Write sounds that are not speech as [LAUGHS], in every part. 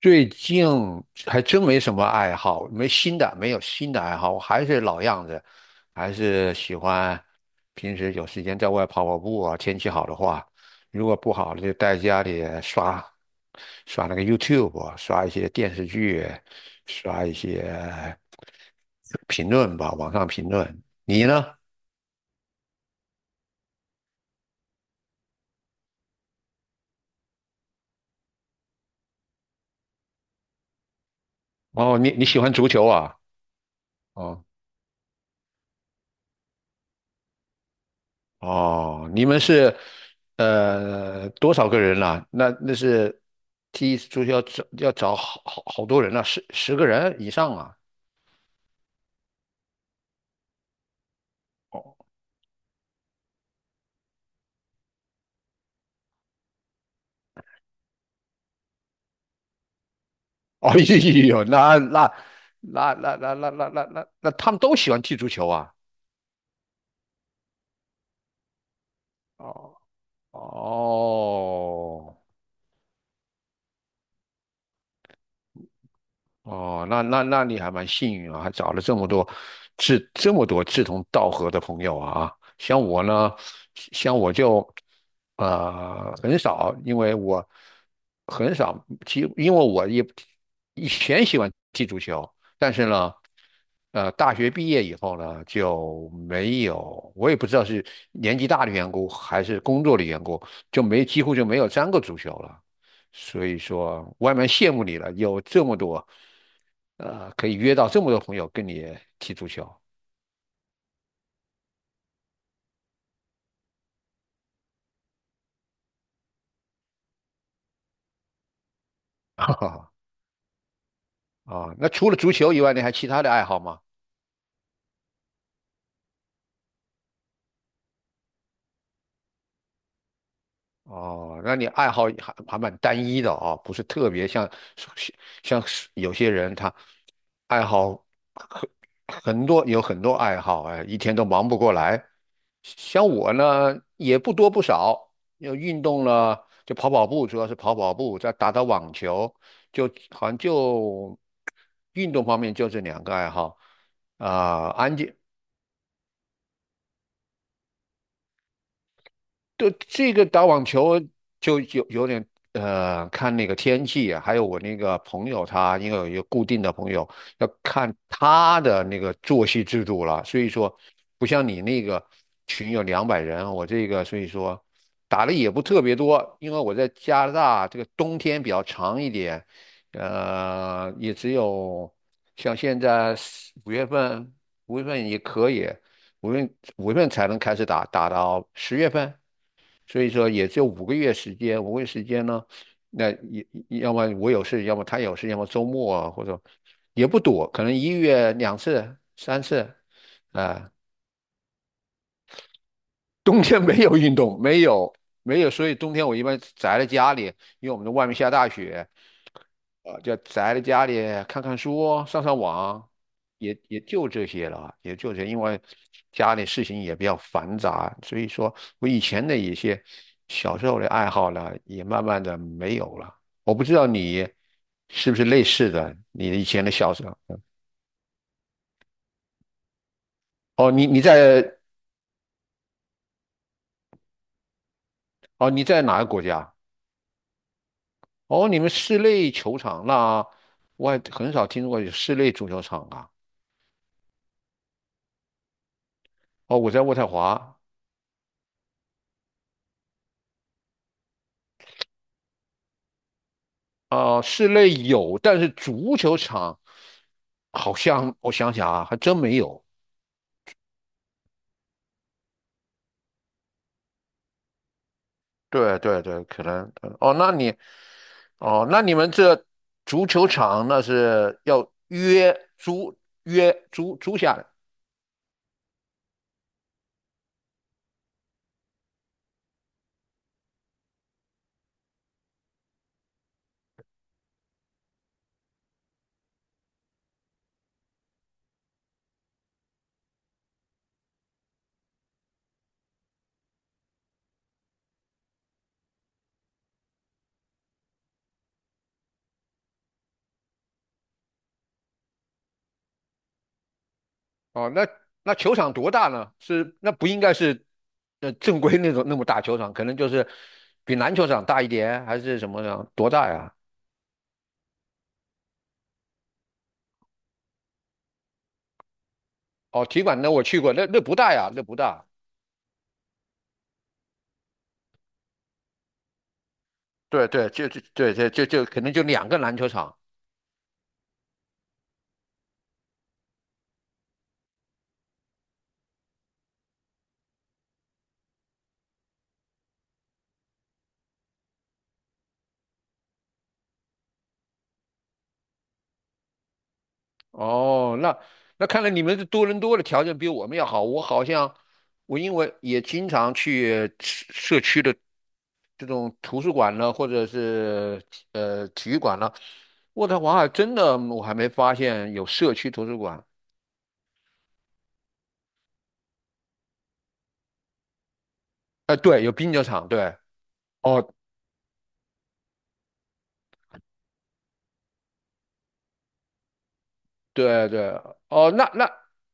最近还真没什么爱好，没新的，没有新的爱好，我还是老样子，还是喜欢平时有时间在外跑跑步啊。天气好的话，如果不好就在家里刷刷那个 YouTube，啊刷一些电视剧，刷一些评论吧，网上评论。你呢？哦，你喜欢足球啊？哦。哦，你们是多少个人啦、那是踢一次足球要找要找好多人啊，十个人以上啊。哦，[LAUGHS] 哎呦，那他们都喜欢踢足球啊。哦哦。哦，那你还蛮幸运啊，还找了这么多志同道合的朋友啊。像我呢，像我就很少，因为我很少踢，因为我也以前喜欢踢足球，但是呢，大学毕业以后呢就没有，我也不知道是年纪大的缘故还是工作的缘故，就没几乎就没有沾过足球了。所以说外面羡慕你了，有这么多，可以约到这么多朋友跟你踢足球。[LAUGHS] 哈哈，啊，那除了足球以外，你还其他的爱好吗？哦，那你爱好还蛮单一的啊，不是特别像有些人他爱好很很多爱好，哎，一天都忙不过来。像我呢，也不多不少，要运动了，就跑跑步，主要是跑跑步，再打打网球，就好像就运动方面就这两个爱好啊。安静对，这个打网球就有点，看那个天气啊，还有我那个朋友他，因为有一个固定的朋友，要看他的那个作息制度了。所以说，不像你那个群有200人，我这个所以说打的也不特别多，因为我在加拿大这个冬天比较长一点，也只有像现在四五月份，五月份也可以，五月五月份才能开始打，打到10月份。所以说也只有五个月时间，五个月时间呢，那也要么我有事，要么他有事，要么周末啊，或者也不多，可能一月两次、三次。冬天没有运动，没有没有，所以冬天我一般宅在家里，因为我们的外面下大雪。啊，就宅在家里看看书、上上网，也就这些了啊，也就这些。因为家里事情也比较繁杂，所以说我以前的一些小时候的爱好呢，也慢慢的没有了。我不知道你是不是类似的，你以前的小时候。哦，你在哪个国家？哦，你们室内球场，那我还很少听说过有室内足球场啊。哦，我在渥太华，室内有，但是足球场好像我想想啊，还真没有。对对对，可能哦，那你哦，那你们这足球场那是要租约租下来。哦，那球场多大呢？是那不应该是正规那种那么大球场，可能就是比篮球场大一点，还是什么呢？多大呀？哦，体育馆那我去过，那不大呀，那不大。对对，对对可能就两个篮球场。哦，那看来你们的多伦多的条件比我们要好。我好像我因为也经常去社区的这种图书馆呢，或者是体育馆呢，渥太华还真的我还没发现有社区图书馆。哎、对，有冰球场，对。哦，对对。哦，那那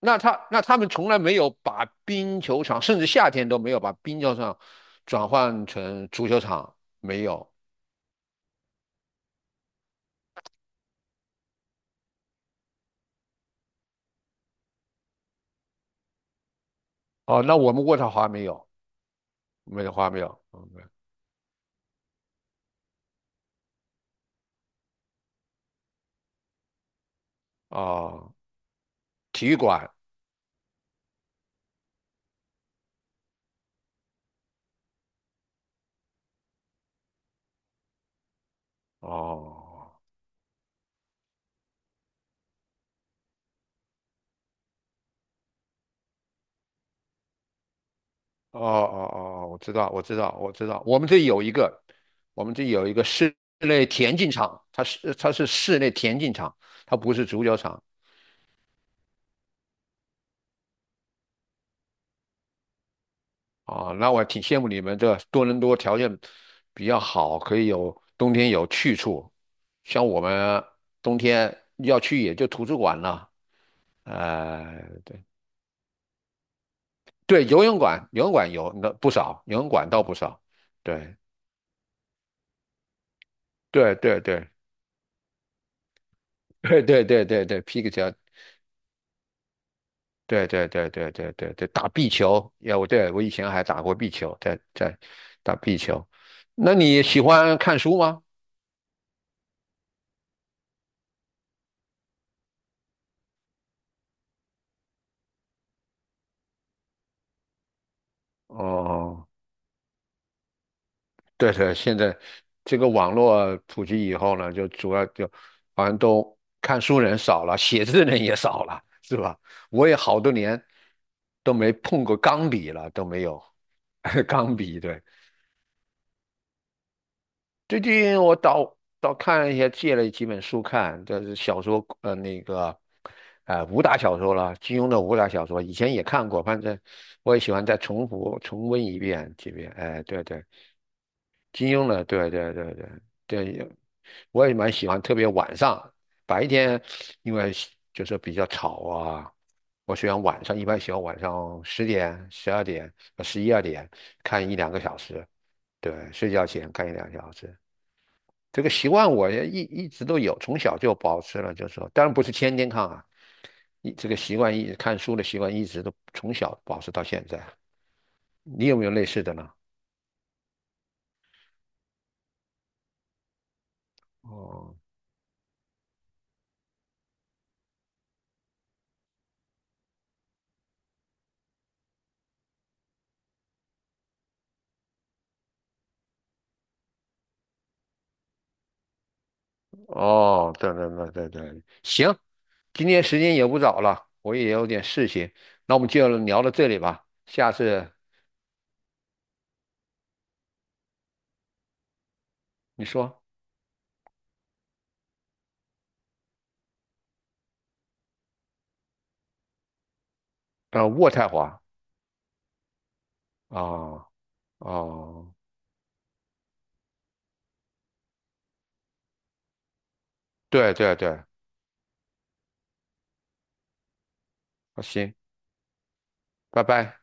那他那他们从来没有把冰球场，甚至夏天都没有把冰球场转换成足球场，没有。哦，那我们渥太华没有。没得花没有，嗯。哦，体育馆，哦，哦哦哦，哦我知道，我知道，我知道，我们这里有一个室内田径场，它是室内田径场，它不是足球场。啊，那我挺羡慕你们这多伦多条件比较好，可以有冬天有去处。像我们冬天要去也就图书馆了，对对，游泳馆有那不少，游泳馆倒不少，对。对对对，[LAUGHS] 对对对对对，皮克球，对对对对对对对，打壁球。要我对我以前还打过壁球，打壁球。那你喜欢看书吗？哦，对对，现在这个网络普及以后呢，就主要就好像都看书人少了，写字人也少了，是吧？我也好多年都没碰过钢笔了，都没有 [LAUGHS] 钢笔，对。最近我倒看一些，借了几本书看，就是小说，武打小说了，金庸的武打小说，以前也看过，反正我也喜欢再重复重温一遍几遍。哎，对对，金庸的，对对对对对。我也蛮喜欢，特别晚上，白天因为就是比较吵啊，我喜欢晚上，一般喜欢晚上10点、12点、十一二点看一两个小时，对，睡觉前看一两个小时。这个习惯我也一直都有，从小就保持了，就是说，当然不是天天看啊，一这个习惯一看书的习惯一直都从小保持到现在。你有没有类似的呢？哦哦，对对对对对，行，今天时间也不早了，我也有点事情，那我们就聊到这里吧。下次你说，渥太华，哦哦，对对对，好行，拜拜。